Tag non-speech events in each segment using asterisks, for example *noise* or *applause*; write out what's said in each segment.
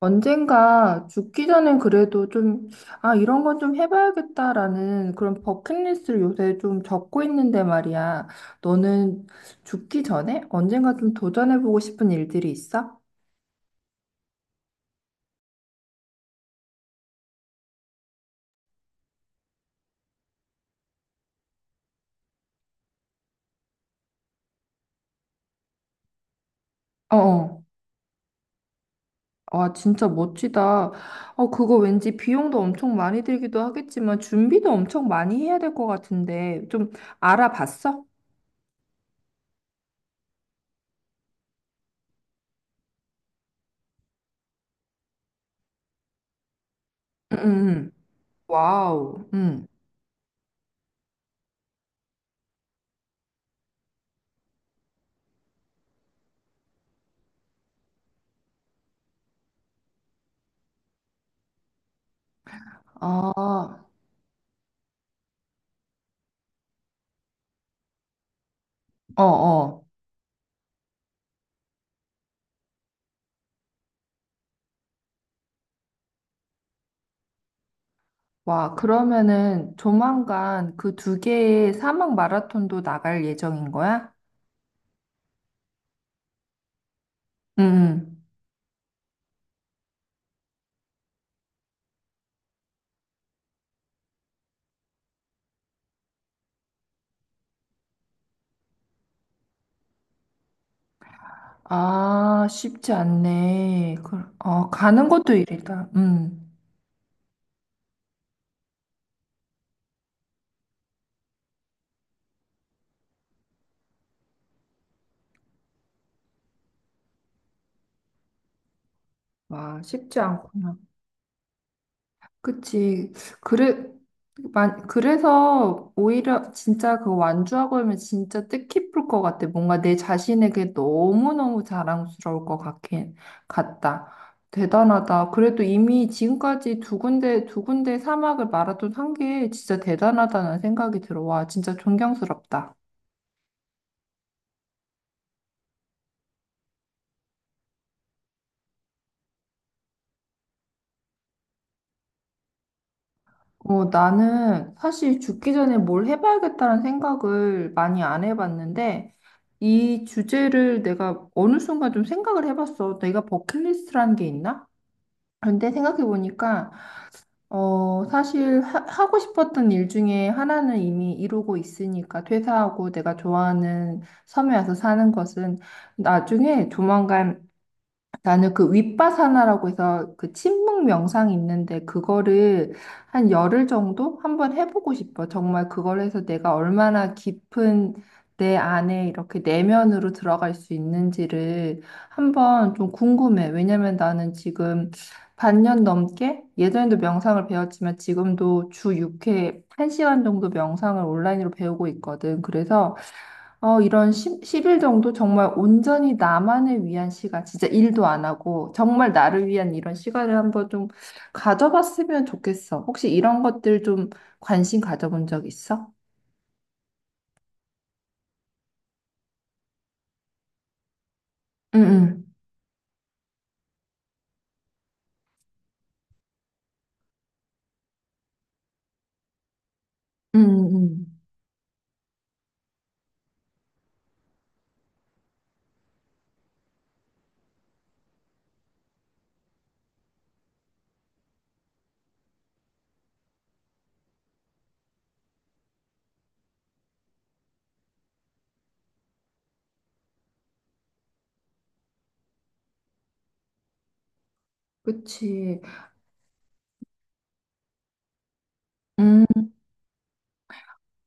언젠가 죽기 전엔 그래도 좀, 아, 이런 건 좀 해봐야겠다라는 그런 버킷리스트를 요새 좀 적고 있는데 말이야. 너는 죽기 전에 언젠가 좀 도전해보고 싶은 일들이 있어? 어, 아, 진짜 멋지다. 어, 그거 왠지 비용도 엄청 많이 들기도 하겠지만 준비도 엄청 많이 해야 될 것 같은데 좀 알아봤어? 응, 응, 응. 와우, 응. 아, 어, 어. 와, 그러면은 조만간 그 두 개의 사막 마라톤도 나갈 예정인 거야? 응. 응. 아, 쉽지 않네. 그, 어, 가는 것도 일이다. 음. 와, 쉽지 않구나. 그치. 그래, 만, 그래서 오히려 진짜 그 완주하고 하면 진짜 뜻깊을 것 같아. 뭔가 내 자신에게 너무너무 자랑스러울 것 같긴, 같다. 대단하다. 그래도 이미 지금까지 두 군데, 두 군데 사막을 마라톤 한 게 진짜 대단하다는 생각이 들어. 와, 진짜 존경스럽다. 어, 나는 사실 죽기 전에 뭘 해봐야겠다는 생각을 많이 안 해봤는데, 이 주제를 내가 어느 순간 좀 생각을 해봤어. 내가 버킷리스트라는 게 있나? 그런데 생각해보니까, 어, 사실 하고 싶었던 일 중에 하나는 이미 이루고 있으니까, 퇴사하고 내가 좋아하는 섬에 와서 사는 것은 나중에 조만간 나는 그 윗바사나라고 해서 그 침묵 명상이 있는데 그거를 한 열흘 정도 한번 해보고 싶어. 정말 그걸 해서 내가 얼마나 깊은 내 안에 이렇게 내면으로 들어갈 수 있는지를 한번 좀 궁금해. 왜냐면 나는 지금 반년 넘게 예전에도 명상을 배웠지만 지금도 주 6회 1시간 정도 명상을 온라인으로 배우고 있거든. 그래서 어, 이런 10, 일 정도 정말 온전히 나만을 위한 시간, 진짜 일도 안 하고, 정말 나를 위한 이런 시간을 한번 좀 가져봤으면 좋겠어. 혹시 이런 것들 좀 관심 가져본 적 있어? 응, 응, 응, 응. 그치. 음.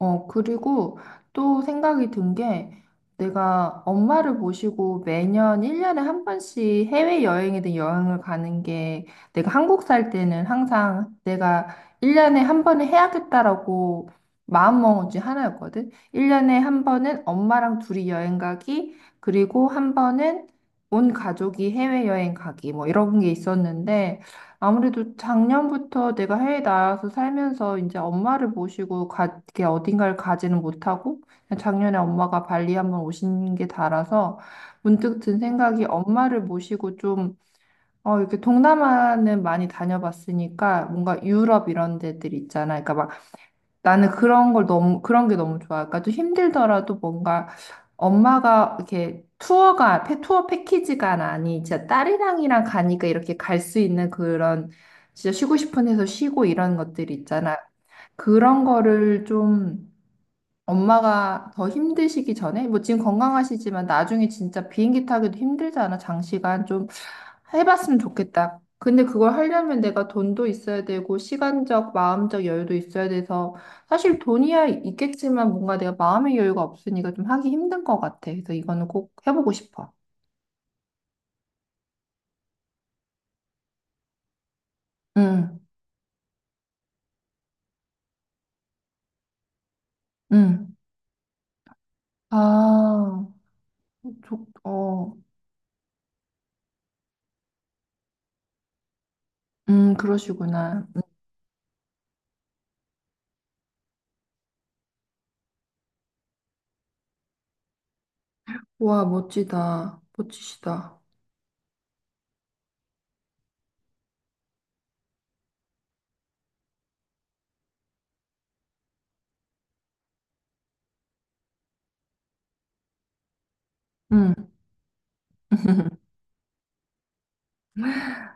어, 그리고 또 생각이 든 게 내가 엄마를 모시고 매년 1년에 한 번씩 해외여행이든 여행을 가는 게 내가 한국 살 때는 항상 내가 1년에 한 번은 해야겠다라고 마음먹은 지 하나였거든. 1년에 한 번은 엄마랑 둘이 여행 가기, 그리고 한 번은 온 가족이 해외여행 가기, 뭐 이런 게 있었는데 아무래도 작년부터 내가 해외 나가서 살면서 이제 엄마를 모시고 가, 이렇게 어딘가를 가지는 못하고 그냥 작년에 엄마가 발리 한번 오신 게 달아서 문득 든 생각이 엄마를 모시고 좀 어, 이렇게 동남아는 많이 다녀봤으니까 뭔가 유럽 이런 데들 있잖아. 그러니까 막 나는 그런 걸 너무, 그런 게 너무 좋아. 그러니까 좀 힘들더라도 뭔가 엄마가 이렇게 투어가, 투어 패키지가 아니, 진짜 딸이랑이랑 가니까 이렇게 갈 수 있는 그런 진짜 쉬고 싶은 데서 쉬고 이런 것들 있잖아. 그런 거를 좀 엄마가 더 힘드시기 전에, 뭐 지금 건강하시지만 나중에 진짜 비행기 타기도 힘들잖아, 장시간. 좀 해봤으면 좋겠다. 근데 그걸 하려면 내가 돈도 있어야 되고, 시간적, 마음적 여유도 있어야 돼서, 사실 돈이야 있겠지만 뭔가 내가 마음의 여유가 없으니까 좀 하기 힘든 것 같아. 그래서 이거는 꼭 해보고 싶어. 응, 응. 아, 좋, 어, 그러시구나. 와, 멋지다. 멋지시다. 응.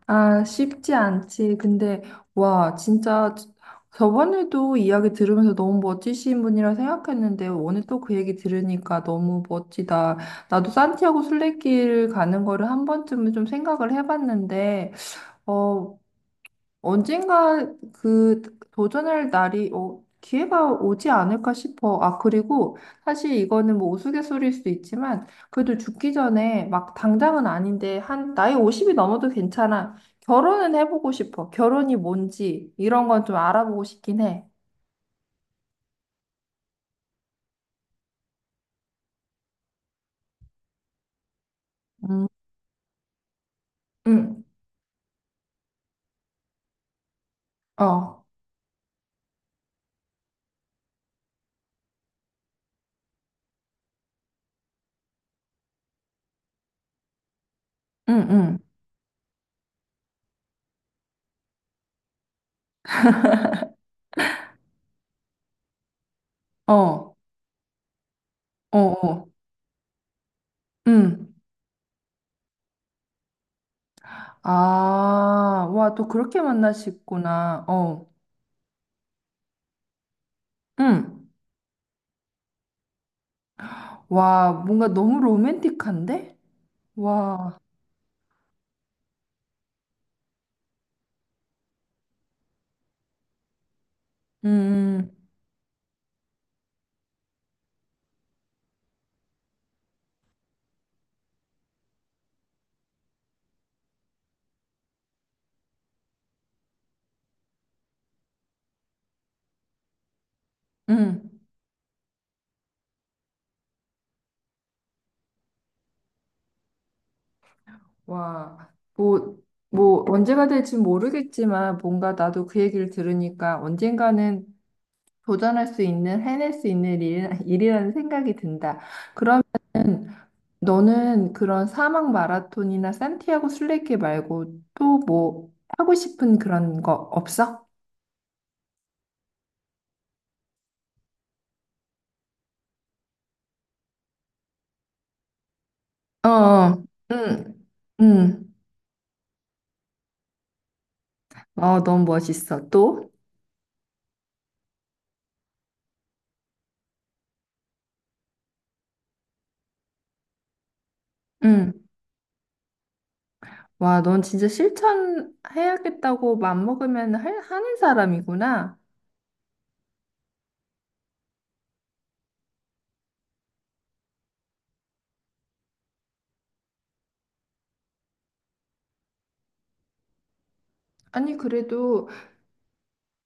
아, 쉽지 않지. 근데, 와, 진짜 저번에도 이야기 들으면서 너무 멋지신 분이라 생각했는데, 오늘 또 그 얘기 들으니까 너무 멋지다. 나도 산티아고 순례길 가는 거를 한 번쯤은 좀 생각을 해봤는데, 어, 언젠가 그 도전할 날이 어, 기회가 오지 않을까 싶어. 아, 그리고 사실 이거는 뭐 우스갯소리일 수도 있지만 그래도 죽기 전에 막 당장은 아닌데 한 나이 50이 넘어도 괜찮아. 결혼은 해보고 싶어. 결혼이 뭔지 이런 건 좀 알아보고 싶긴 해. 음, 응, 어, 응, 응, 어, 어, 어, 응. 아, 와, 또 그렇게 만나시구나. 어, 응. 와, 뭔가 너무 로맨틱한데? 와, 음, 음, 와, 뭐, 뭐, 언제가 될지 모르겠지만 뭔가 나도 그 얘기를 들으니까 언젠가는 도전할 수 있는, 해낼 수 있는 일, *laughs* 일이라는 생각이 든다. 음, 너는 그런 사막 마라톤이나 산티아고 순례길 말고 또 뭐 하고 싶은 그런 거 없어? 어, 응, 응. 어, 너무 멋있어. 또? 응. 와, 넌 진짜 실천해야겠다고 맘먹으면 하는 사람이구나. 아니, 그래도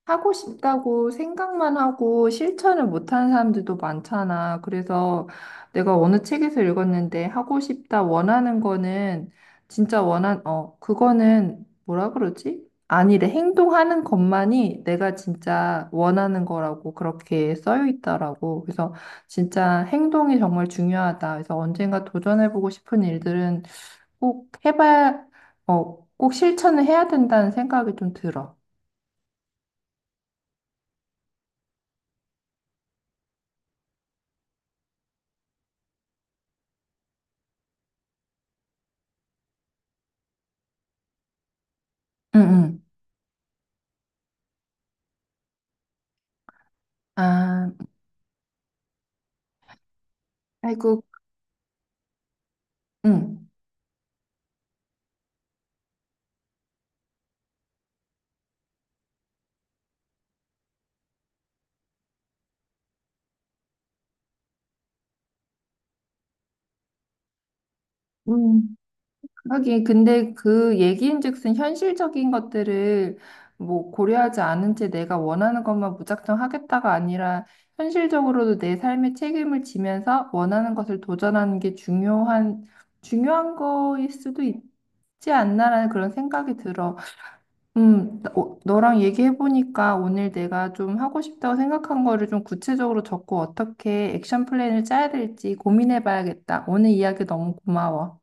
하고 싶다고 생각만 하고 실천을 못하는 사람들도 많잖아. 그래서 내가 어느 책에서 읽었는데 하고 싶다 원하는 거는 진짜 원한 어 그거는 뭐라 그러지? 아니래. 행동하는 것만이 내가 진짜 원하는 거라고 그렇게 써여 있더라고. 그래서 진짜 행동이 정말 중요하다. 그래서 언젠가 도전해보고 싶은 일들은 꼭 해봐야 어 꼭 실천을 해야 된다는 생각이 좀 들어. 응, 응. 아, 아이고, 응. 음, 하긴, 근데 그 얘기인즉슨 현실적인 것들을 뭐 고려하지 않은 채 내가 원하는 것만 무작정 하겠다가 아니라 현실적으로도 내 삶의 책임을 지면서 원하는 것을 도전하는 게 중요한 거일 수도 있지 않나라는 그런 생각이 들어. 너랑 얘기해보니까 오늘 내가 좀 하고 싶다고 생각한 거를 좀 구체적으로 적고 어떻게 액션 플랜을 짜야 될지 고민해봐야겠다. 오늘 이야기 너무 고마워.